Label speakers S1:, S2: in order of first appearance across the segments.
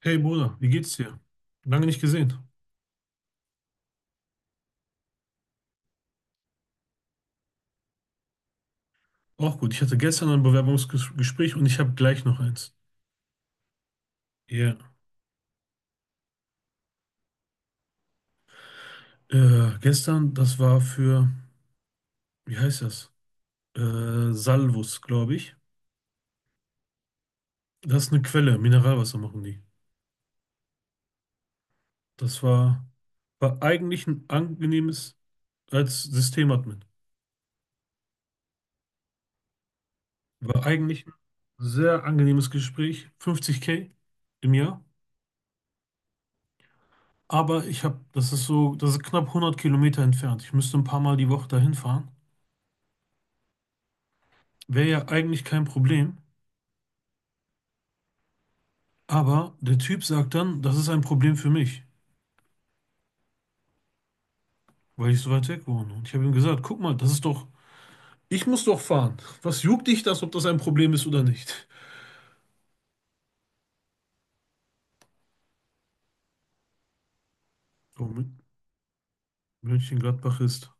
S1: Hey Bruder, wie geht's dir? Lange nicht gesehen. Auch gut. Ich hatte gestern ein Bewerbungsgespräch und ich habe gleich noch eins. Ja. Gestern, das war für, wie heißt das? Salvus, glaube ich. Das ist eine Quelle, Mineralwasser machen die. Das war, war eigentlich ein angenehmes, als Systemadmin, war eigentlich ein sehr angenehmes Gespräch. 50K im Jahr. Aber ich habe, das ist so, das ist knapp 100 Kilometer entfernt. Ich müsste ein paar Mal die Woche dahin fahren. Wäre ja eigentlich kein Problem, aber der Typ sagt dann, das ist ein Problem für mich, weil ich so weit weg wohne. Und ich habe ihm gesagt, guck mal, das ist doch, ich muss doch fahren. Was juckt dich das, ob das ein Problem ist oder nicht? So, Mönchengladbach ist,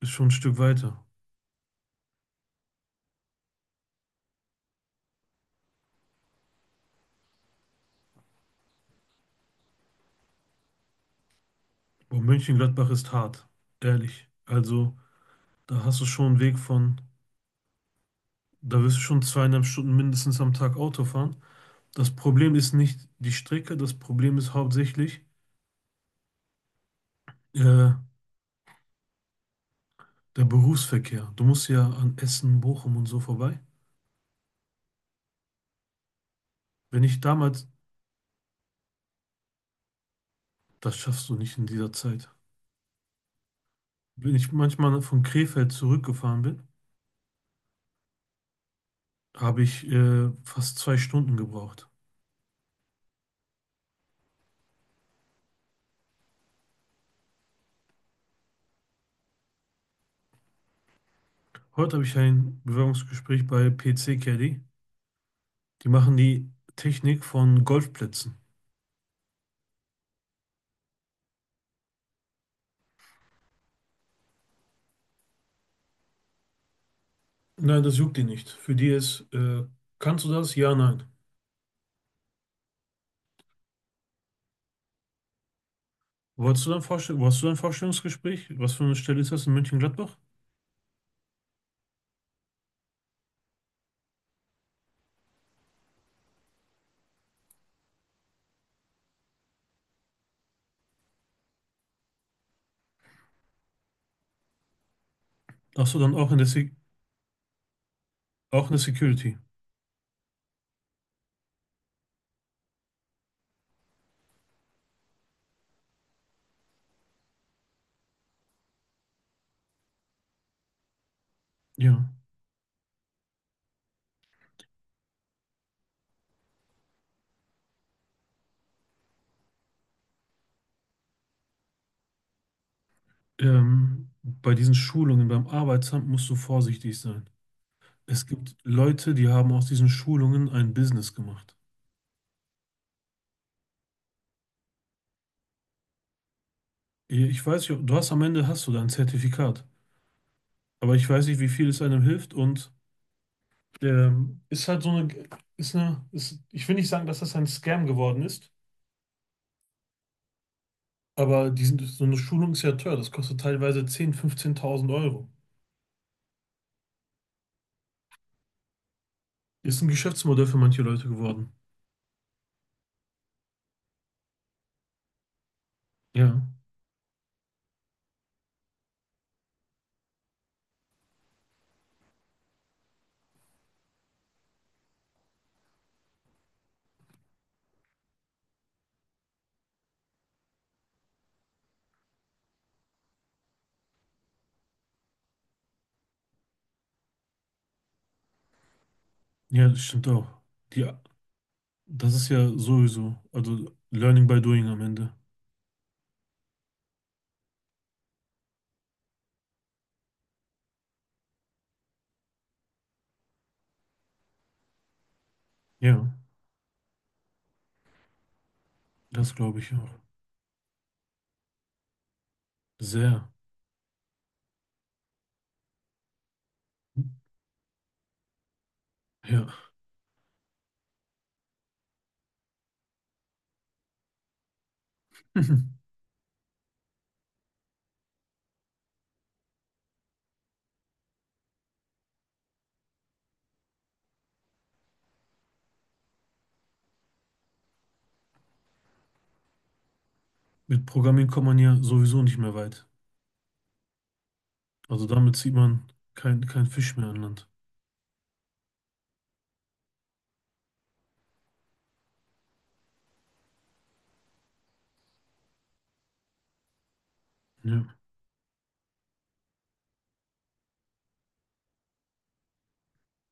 S1: ist schon ein Stück weiter. Aber Mönchengladbach ist hart, ehrlich. Also, da hast du schon einen Weg von, da wirst du schon 2,5 Stunden mindestens am Tag Auto fahren. Das Problem ist nicht die Strecke, das Problem ist hauptsächlich, äh, der Berufsverkehr. Du musst ja an Essen, Bochum und so vorbei. Wenn ich damals, das schaffst du nicht in dieser Zeit. Wenn ich manchmal von Krefeld zurückgefahren bin, habe ich fast 2 Stunden gebraucht. Heute habe ich ein Bewerbungsgespräch bei PC Caddy. Die machen die Technik von Golfplätzen. Nein, das juckt die nicht. Für die ist: kannst du das? Ja, nein. Wolltest du dann Vorstellungsgespräch? Was für eine Stelle ist das in München-Gladbach? Ach so, dann auch in der, Se auch in der Security. Ja. Bei diesen Schulungen beim Arbeitsamt musst du vorsichtig sein. Es gibt Leute, die haben aus diesen Schulungen ein Business gemacht. Ich weiß nicht, ob- du hast am Ende hast du dein Zertifikat, aber ich weiß nicht, wie viel es einem hilft ist halt so ist eine, ich will nicht sagen, dass das ein Scam geworden ist, aber die sind, so eine Schulung ist ja teuer. Das kostet teilweise 10.000, 15.000 Euro. Ist ein Geschäftsmodell für manche Leute geworden. Ja, ja, das stimmt auch. Die Das ist ja sowieso, also Learning by Doing am Ende. Ja, das glaube ich auch. Sehr, ja. Mit Programmieren kommt man ja sowieso nicht mehr weit. Also damit zieht man kein Fisch mehr an Land. Ja,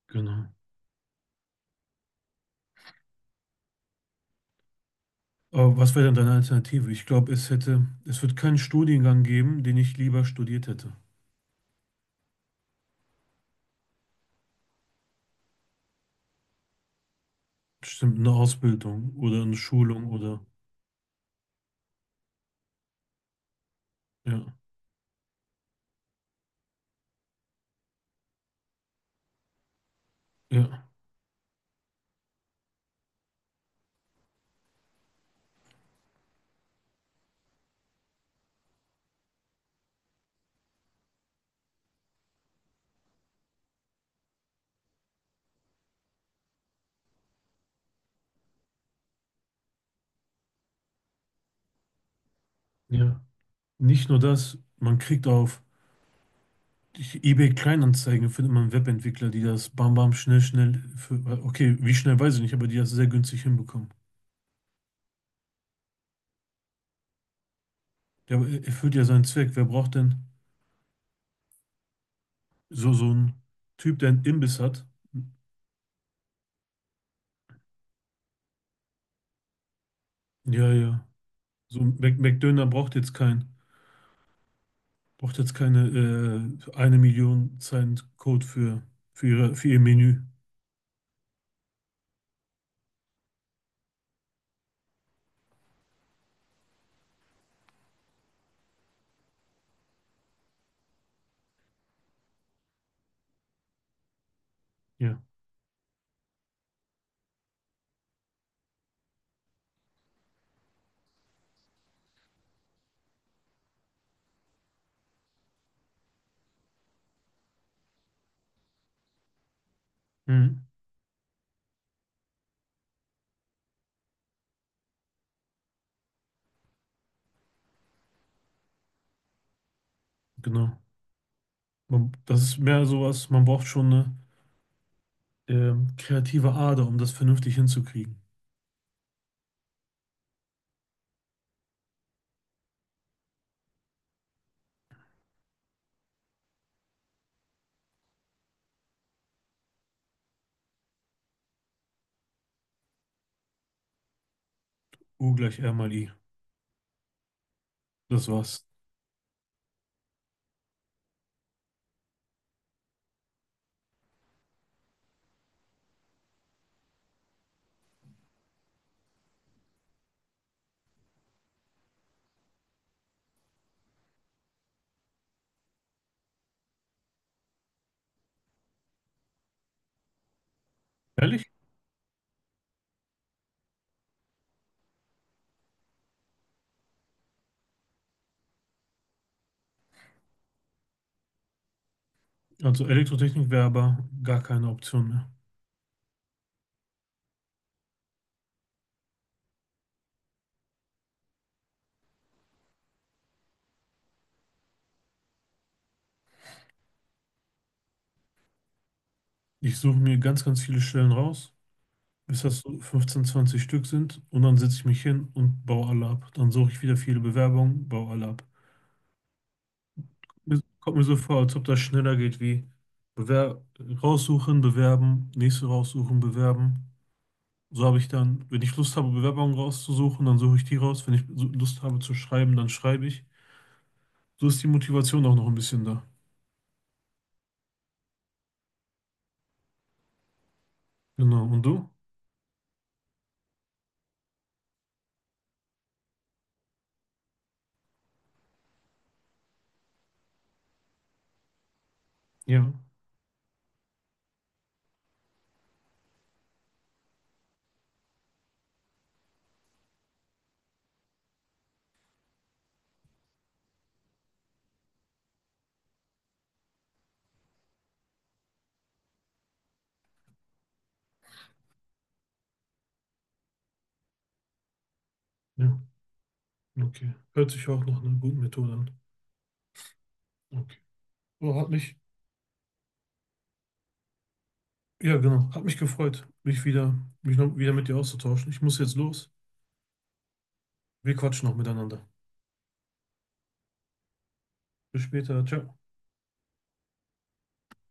S1: genau. Aber was wäre denn deine Alternative? Ich glaube, es wird keinen Studiengang geben, den ich lieber studiert hätte. Stimmt, eine Ausbildung oder eine Schulung oder ja, ja, ja. Nicht nur das, man kriegt auf ich, eBay Kleinanzeigen findet man Webentwickler, die das bam bam schnell schnell für, okay, wie schnell weiß ich nicht, aber die das sehr günstig hinbekommen. Erfüllt ja seinen Zweck. Wer braucht denn so einen Typ, der einen Imbiss hat? Ja, ja. So ein Mac McDöner braucht jetzt keine 1 Million Zeilen Code für ihr Menü. Ja, mhm. Genau. Das ist mehr sowas. Man braucht schon eine kreative Ader, um das vernünftig hinzukriegen. U gleich R mal I. Das war's. Ehrlich? Also Elektrotechnik wäre aber gar keine Option mehr. Ich suche mir ganz viele Stellen raus, bis das so 15, 20 Stück sind und dann setze ich mich hin und baue alle ab. Dann suche ich wieder viele Bewerbungen, baue alle ab. Kommt mir so vor, als ob das schneller geht wie Bewer raussuchen, bewerben, nächste raussuchen, bewerben. So habe ich dann, wenn ich Lust habe, Bewerbungen rauszusuchen, dann suche ich die raus. Wenn ich so Lust habe zu schreiben, dann schreibe ich. So ist die Motivation auch noch ein bisschen da. Genau. Und du? Ja. Ja. Okay. Hört sich auch nach einer guten Methode an. Okay. Oh, hat mich, ja genau, hat mich gefreut, mich noch wieder mit dir auszutauschen. Ich muss jetzt los. Wir quatschen noch miteinander. Bis später. Ciao.